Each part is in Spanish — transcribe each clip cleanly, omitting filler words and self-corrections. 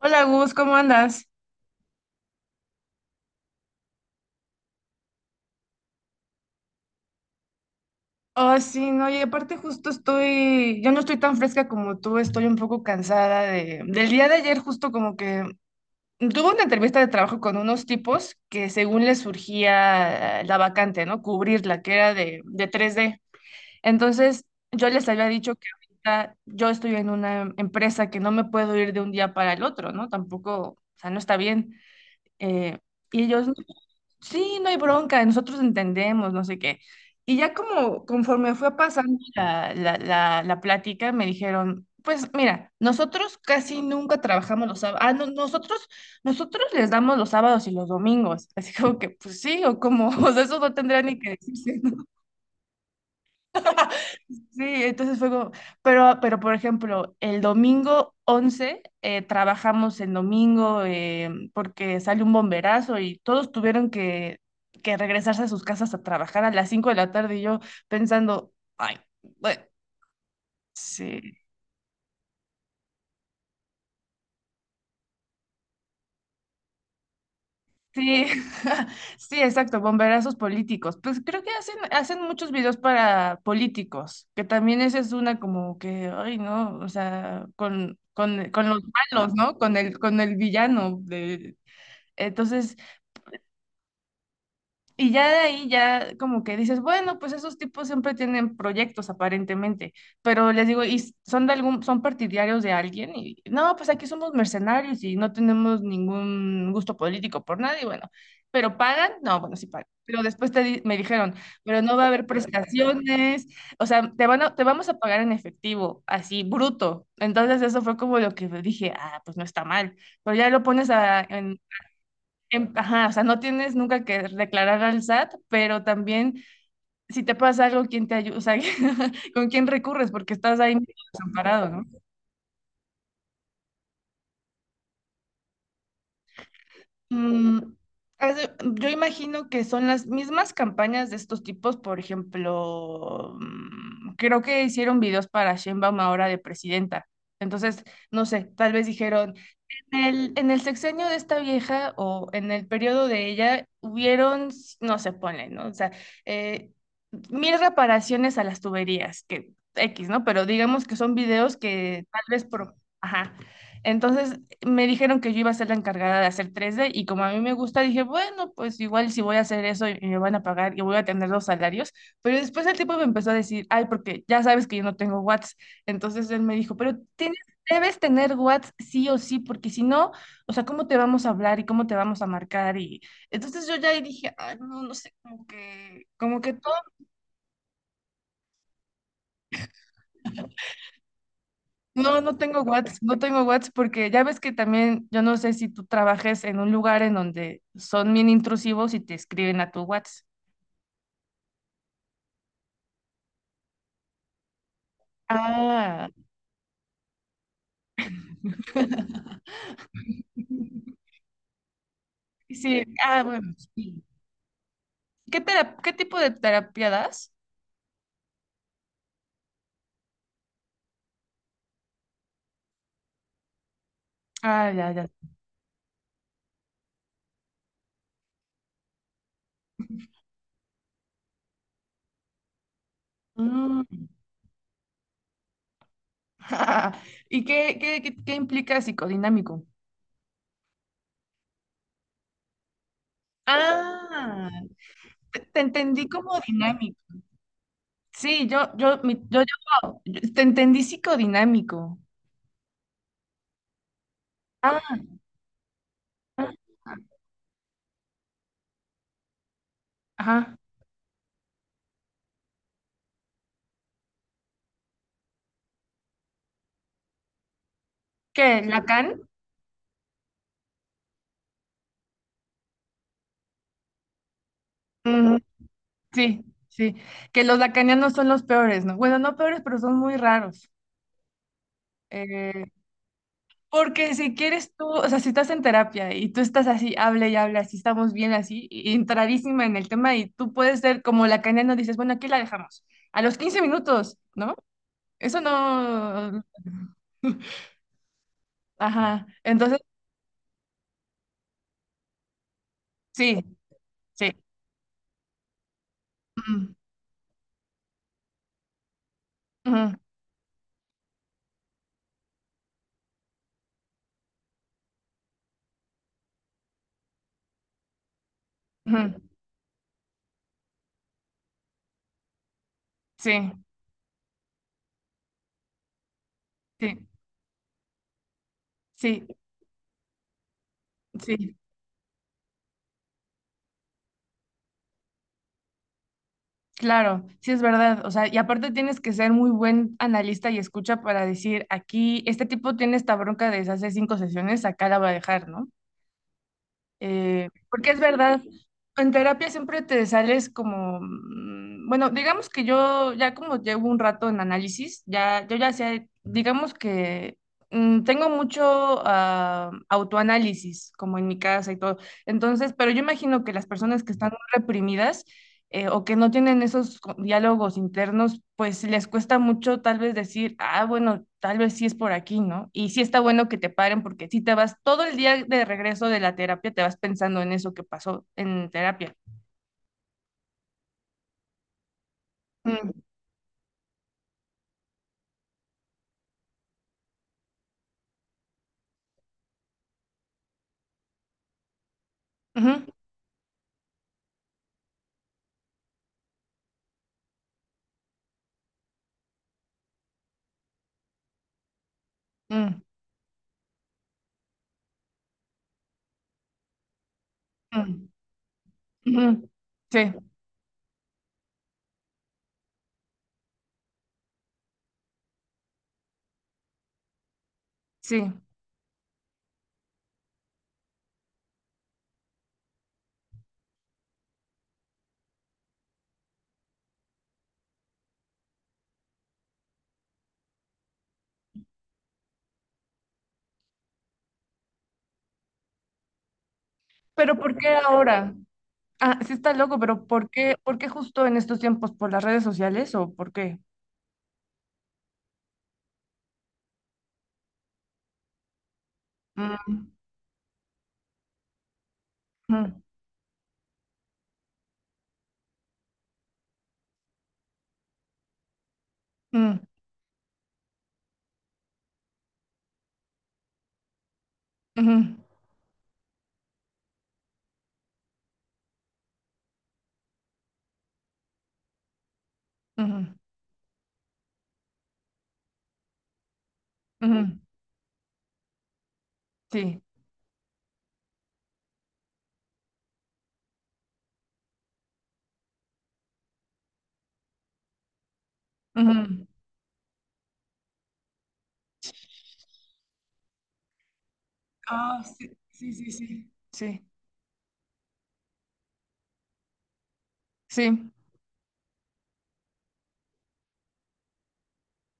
Hola Gus, ¿cómo andas? Oh sí, no, y aparte justo yo no estoy tan fresca como tú, estoy un poco cansada del día de ayer justo como que tuve una entrevista de trabajo con unos tipos que según les surgía la vacante, ¿no? Cubrirla, que era de tres d. Entonces yo les había dicho que ahorita yo estoy en una empresa que no me puedo ir de un día para el otro, ¿no? Tampoco, o sea, no está bien. Eh, y ellos, sí, no hay bronca, nosotros entendemos, no sé qué. Y ya como conforme fue pasando la plática, me dijeron, pues mira, nosotros casi nunca trabajamos los sábados, ah, no, nosotros les damos los sábados y los domingos, así como que, pues sí, o como, o sea, eso no tendría ni que decirse, ¿no? Sí, entonces fue como, pero por ejemplo, el domingo 11 trabajamos en domingo porque sale un bomberazo y todos tuvieron que regresarse a sus casas a trabajar a las 5 de la tarde y yo pensando, ay, bueno, sí. Sí, sí, exacto, bomberazos políticos. Pues creo que hacen muchos videos para políticos, que también esa es una como que, ay, no, o sea, con los malos, ¿no? Con el villano. De... Entonces, y ya de ahí ya como que dices, bueno, pues esos tipos siempre tienen proyectos aparentemente, pero les digo, ¿y son partidarios de alguien? Y no, pues aquí somos mercenarios y no tenemos ningún gusto político por nadie, bueno, pero pagan, no, bueno, sí pagan. Pero después me dijeron, pero no va a haber prestaciones, o sea, te vamos a pagar en efectivo, así bruto. Entonces eso fue como lo que dije, ah, pues no está mal. Pero ya lo pones a, ajá, o sea, no tienes nunca que declarar al SAT, pero también si te pasa algo, ¿quién te ayuda? O sea, ¿con quién recurres? Porque estás ahí medio desamparado, ¿no? Mm, yo imagino que son las mismas campañas de estos tipos, por ejemplo, creo que hicieron videos para Sheinbaum ahora de presidenta. Entonces, no sé, tal vez dijeron, En el sexenio de esta vieja o en el periodo de ella hubieron, no se pone, ¿no? O sea, eh, mil reparaciones a las tuberías, que X, ¿no? Pero digamos que son videos que tal vez por... Ajá. Entonces me dijeron que yo iba a ser la encargada de hacer tres d y como a mí me gusta, dije, bueno, pues igual si voy a hacer eso y me van a pagar y voy a tener los salarios. Pero después el tipo me empezó a decir, ay, porque ya sabes que yo no tengo watts. Entonces él me dijo, pero tienes debes tener WhatsApp sí o sí, porque si no, o sea, ¿cómo te vamos a hablar y cómo te vamos a marcar? Y entonces yo ya ahí dije, ay, no, no sé, como que todo, no, no tengo WhatsApp, no tengo WhatsApp, porque ya ves que también, yo no sé si tú trabajes en un lugar en donde son bien intrusivos y te escriben a tu WhatsApp. Ah, sí, ah, bueno, sí. ¿Qué tipo de terapia das? Ah, ya, ya. Mm. ¿Y qué implica psicodinámico? Ah, te entendí como dinámico. Sí, yo, mi- yo- te entendí psicodinámico. Ah, ah, ajá. ¿Qué? ¿Lacan? Mm, sí, sí. Que los lacanianos son los peores, ¿no? Bueno, no peores, pero son muy raros. Eh, Porque si quieres tú, o sea, si estás en terapia y tú estás así, hable y hable, así estamos bien, así, y entradísima en el tema, y tú puedes ser como lacaniano, dices, bueno, aquí la dejamos. A los 15 minutos, ¿no? Eso no, ajá, entonces, sí, sí. Ujú, ujú, ujú, sí, sí, sí, sí, claro, sí es verdad. O sea, y aparte tienes que ser muy buen analista y escucha para decir, aquí, este tipo tiene esta bronca desde hace 5 sesiones, acá la va a dejar, ¿no? Porque es verdad, en terapia siempre te sales como, bueno, digamos que yo ya como llevo un rato en análisis, ya, yo ya sé, digamos que tengo mucho autoanálisis, como en mi casa y todo. Entonces, pero yo imagino que las personas que están reprimidas o que no tienen esos diálogos internos, pues les cuesta mucho tal vez decir, ah, bueno, tal vez sí es por aquí, ¿no? Y sí está bueno que te paren porque si te vas todo el día de regreso de la terapia, te vas pensando en eso que pasó en terapia. Mm, ujú, mm, mm, ujú. Sí, sí. Pero ¿por qué ahora? Ah, sí está loco, pero ¿por qué justo en estos tiempos? ¿Por las redes sociales o por qué? Mm, mm, mm, ujú, ujú, ujú. Sí. Ujú. Ah, sí, sí, sí, sí. Sí, sí.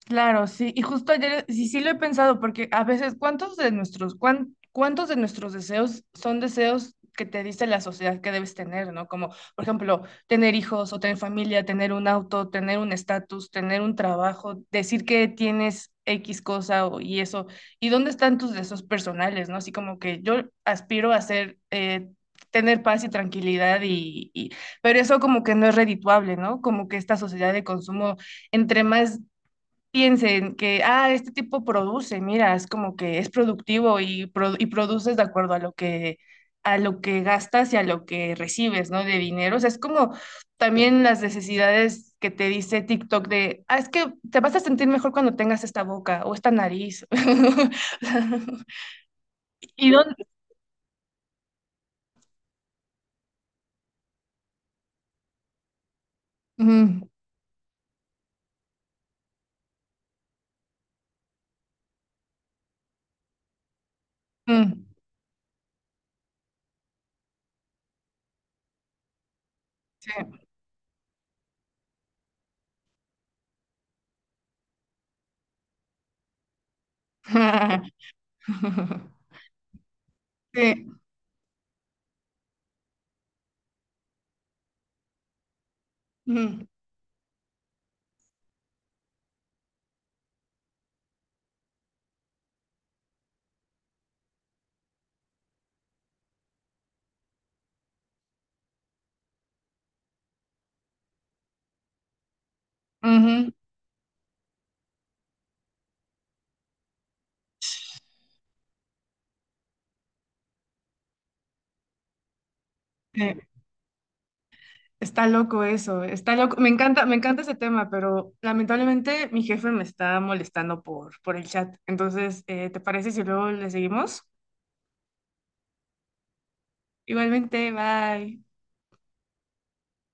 Claro, sí, y justo ayer sí, sí lo he pensado, porque a veces, ¿cuántos de nuestros deseos son deseos que te dice la sociedad que debes tener, ¿no? Como, por ejemplo, tener hijos o tener familia, tener un auto, tener un estatus, tener un trabajo, decir que tienes X cosa o- y eso. ¿Y dónde están tus deseos personales, ¿no? Así como que yo aspiro a ser, tener paz y tranquilidad pero eso como que no es redituable, ¿no? Como que esta sociedad de consumo entre más piensen que, ah, este tipo produce, mira, es como que es productivo y produces de acuerdo a lo que gastas y a lo que recibes, ¿no? De dinero. O sea, es como también las necesidades que te dice TikTok de, ah, es que te vas a sentir mejor cuando tengas esta boca o esta nariz. Y dónde... Mm, mm, sí. Sí. Mm, ujú, sí. Está loco eso, está loco. Me encanta ese tema, pero lamentablemente mi jefe me está molestando por el chat. Entonces, ¿te parece si luego le seguimos? Igualmente, bye.